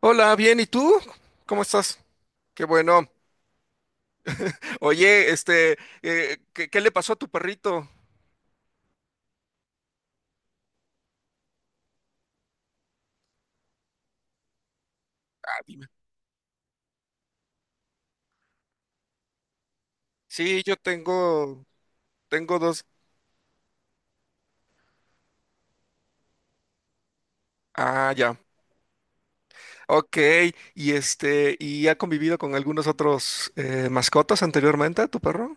Hola, bien, ¿y tú? ¿Cómo estás? Qué bueno. Oye, ¿qué le pasó a tu perrito? Ah, dime. Sí, tengo dos. Ah, ya. Ok. Y ¿y ha convivido con algunos otros mascotas anteriormente, tu perro?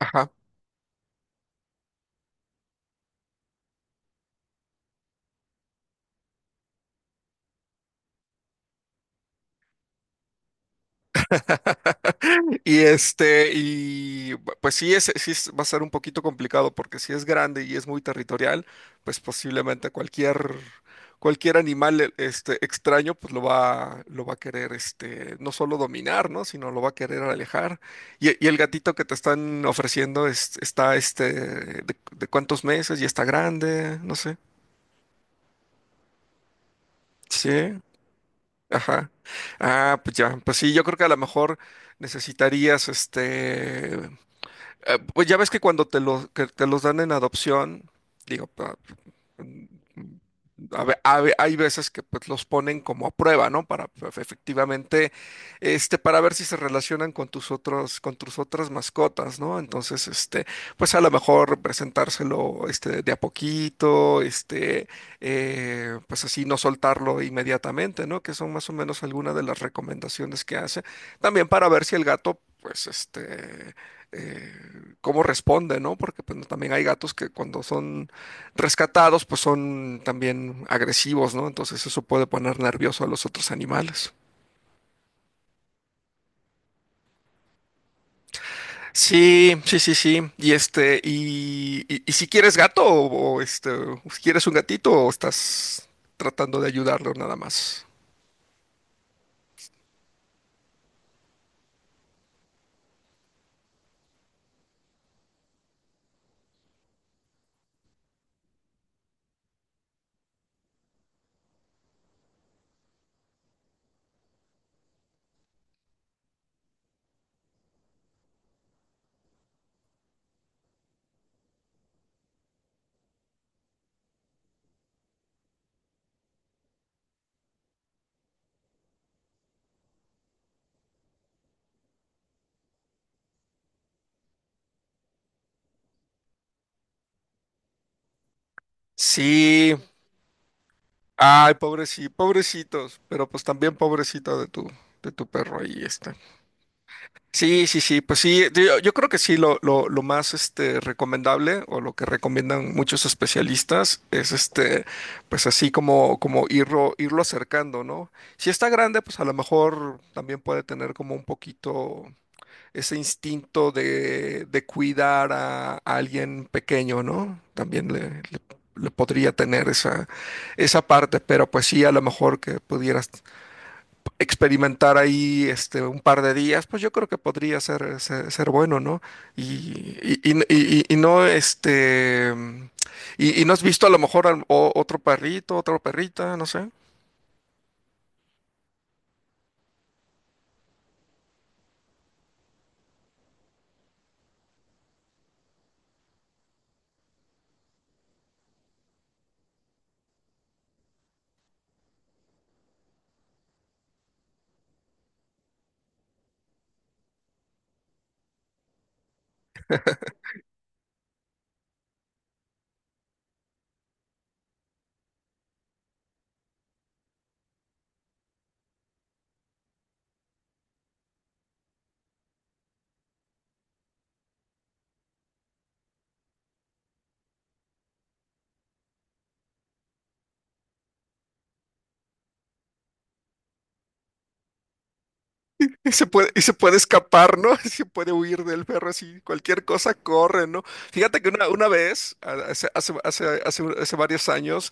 Ajá. Y pues sí, va a ser un poquito complicado porque si es grande y es muy territorial, pues posiblemente cualquier animal extraño pues lo va a querer no solo dominar, ¿no? Sino lo va a querer alejar. Y el gatito que te están ofreciendo está de cuántos meses y está grande, no sé. Sí, ajá. Ah, pues ya, pues sí, yo creo que a lo mejor necesitarías este. Pues ya ves que cuando que te los dan en adopción, digo, mm, hay veces que pues, los ponen como a prueba, ¿no? Para pues, efectivamente, para ver si se relacionan con tus otros, con tus otras mascotas, ¿no? Entonces, pues a lo mejor presentárselo, de a poquito, pues así no soltarlo inmediatamente, ¿no? Que son más o menos algunas de las recomendaciones que hace. También para ver si el gato, pues, eh, cómo responde, ¿no? Porque pues, no, también hay gatos que cuando son rescatados, pues son también agresivos, ¿no? Entonces eso puede poner nervioso a los otros animales. Sí, sí, sí, sí. Y y si quieres gato o, si quieres un gatito o estás tratando de ayudarlo nada más. Sí, ay, pobrecito, pobrecitos, pero pues también pobrecito de de tu perro ahí, este. Sí, sí, sí, pues sí, yo creo que sí, lo más recomendable o lo que recomiendan muchos especialistas es pues así como, irlo acercando, ¿no? Si está grande, pues a lo mejor también puede tener como un poquito ese instinto de cuidar a alguien pequeño, ¿no? También le- le podría tener esa parte, pero pues sí, a lo mejor que pudieras experimentar ahí un par de días, pues yo creo que podría ser bueno, ¿no? Y, y- y- y no, y no has visto a lo mejor otro perrito, otra perrita, no sé. Y se puede escapar, ¿no? Se puede huir del perro así, cualquier cosa corre, ¿no? Fíjate que una vez, hace varios años,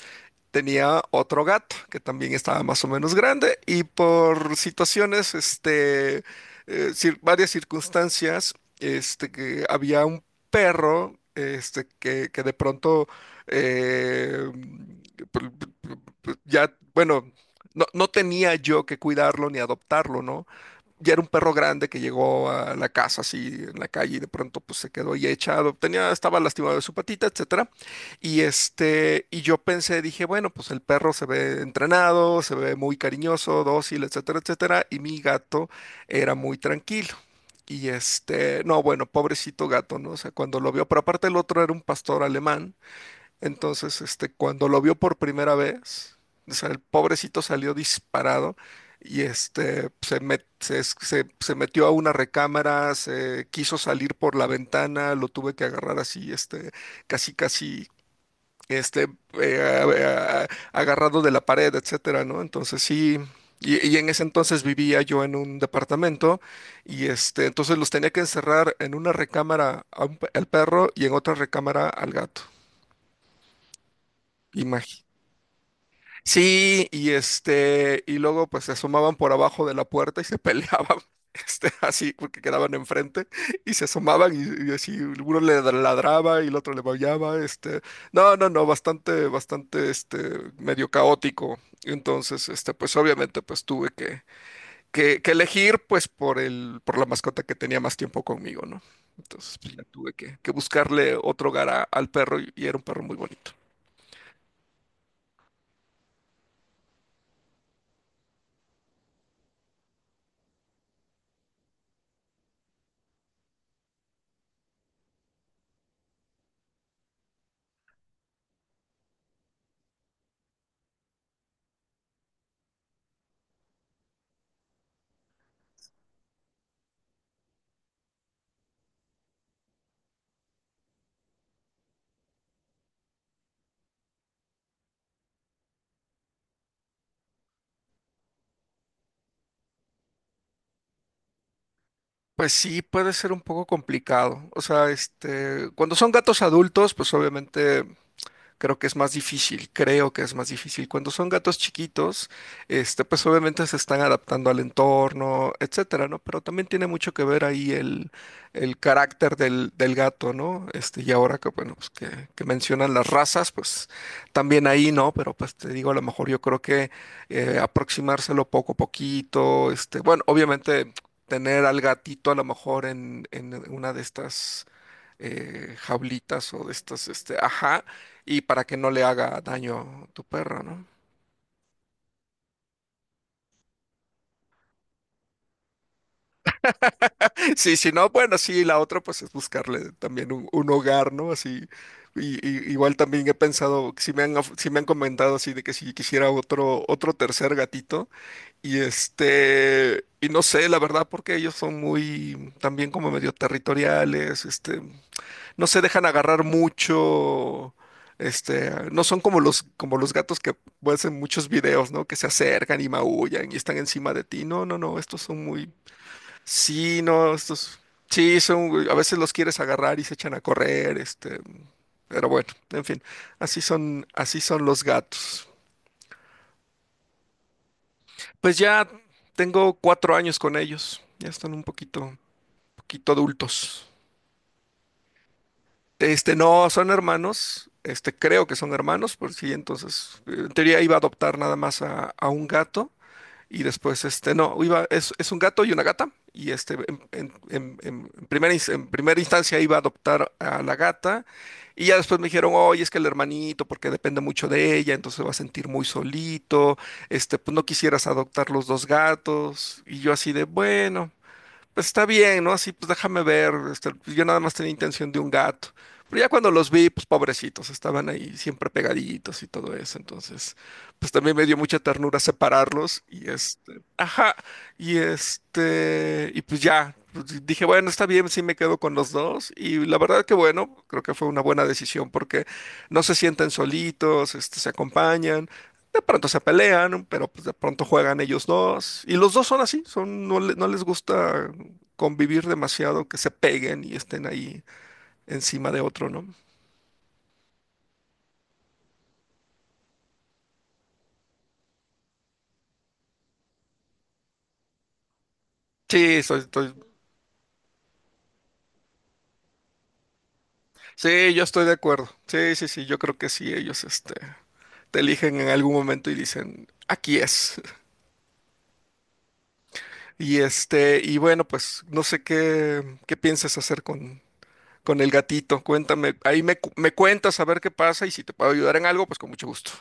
tenía otro gato que también estaba más o menos grande y por situaciones, varias circunstancias, que había un perro, que de pronto, eh, ya, bueno, no tenía yo que cuidarlo ni adoptarlo, ¿no? Ya era un perro grande que llegó a la casa así en la calle y de pronto pues se quedó ya echado, tenía, estaba lastimado de su patita, etcétera. Y y yo pensé, dije, bueno, pues el perro se ve entrenado, se ve muy cariñoso, dócil, etcétera, etcétera, y mi gato era muy tranquilo. Y no, bueno, pobrecito gato, ¿no? O sea, cuando lo vio, pero aparte el otro era un pastor alemán, entonces, cuando lo vio por primera vez, o sea, el pobrecito salió disparado y se metió a una recámara, se quiso salir por la ventana, lo tuve que agarrar así, casi, casi, este, eh, a- a- agarrado de la pared, etcétera, ¿no? Entonces, sí. Y en ese entonces vivía yo en un departamento y entonces los tenía que encerrar en una recámara a al perro y en otra recámara al gato. Imagínate. Sí, y y luego pues se asomaban por abajo de la puerta y se peleaban, así, porque quedaban enfrente, y se asomaban y así, uno le ladraba y el otro le maullaba, no, no, no, bastante, medio caótico. Entonces, pues obviamente que elegir pues por por la mascota que tenía más tiempo conmigo, ¿no? Entonces, pues ya que buscarle otro hogar al perro y era un perro muy bonito. Pues sí, puede ser un poco complicado. O sea, cuando son gatos adultos, pues obviamente creo que es más difícil, creo que es más difícil. Cuando son gatos chiquitos, pues obviamente se están adaptando al entorno, etcétera, ¿no? Pero también tiene mucho que ver ahí el carácter del gato, ¿no? Y ahora que, bueno, que mencionan las razas, pues también ahí, ¿no? Pero pues te digo, a lo mejor yo creo que aproximárselo poco a poquito, bueno, obviamente tener al gatito a lo mejor en una de estas jaulitas o de estas, ajá, y para que no le haga daño tu perro, ¿no? Sí, si no, bueno, sí, la otra pues es buscarle también un hogar, ¿no? Así, igual también he pensado, si me han, sí me han comentado así de que si quisiera otro tercer gatito, y y no sé, la verdad, porque ellos son muy, también como medio territoriales, no se dejan agarrar mucho, no son como como los gatos que ves en muchos videos, ¿no? Que se acercan y maullan y están encima de ti. No, no, no, estos son muy, sí, no, estos, sí, son, a veces los quieres agarrar y se echan a correr, pero bueno, en fin, así son los gatos. Pues ya tengo 4 años con ellos, ya están un poquito, poquito adultos. No, son hermanos. Este, creo que son hermanos, por si entonces, en teoría iba a adoptar nada más a un gato y después, no, es un gato y una gata y en primera, en primera instancia iba a adoptar a la gata y ya después me dijeron, oye, es que el hermanito, porque depende mucho de ella, entonces se va a sentir muy solito, pues no quisieras adoptar los dos gatos y yo así de, bueno, pues está bien, ¿no? Así, pues déjame ver, pues, yo nada más tenía intención de un gato. Pero ya cuando los vi, pues pobrecitos, estaban ahí siempre pegaditos y todo eso. Entonces, pues también me dio mucha ternura separarlos y ajá, y y pues ya, pues, dije, bueno, está bien, sí me quedo con los dos. Y la verdad que bueno, creo que fue una buena decisión porque no se sienten solitos, se acompañan. De pronto se pelean, pero pues de pronto juegan ellos dos. Y los dos son así, son, no, no les gusta convivir demasiado, que se peguen y estén ahí encima de otro, ¿no? Sí, estoy- estoy- sí, yo estoy de acuerdo. Sí, sí, sí, yo creo que sí, ellos, te eligen en algún momento y dicen, aquí es. Y y bueno, pues no sé qué piensas hacer con el gatito. Cuéntame, me cuentas a ver qué pasa y si te puedo ayudar en algo, pues con mucho gusto.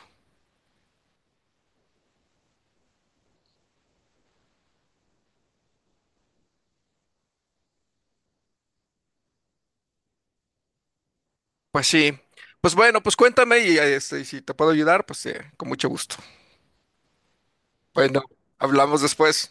Pues sí. Pues bueno, pues cuéntame y y si te puedo ayudar, pues con mucho gusto. Bueno, hablamos después.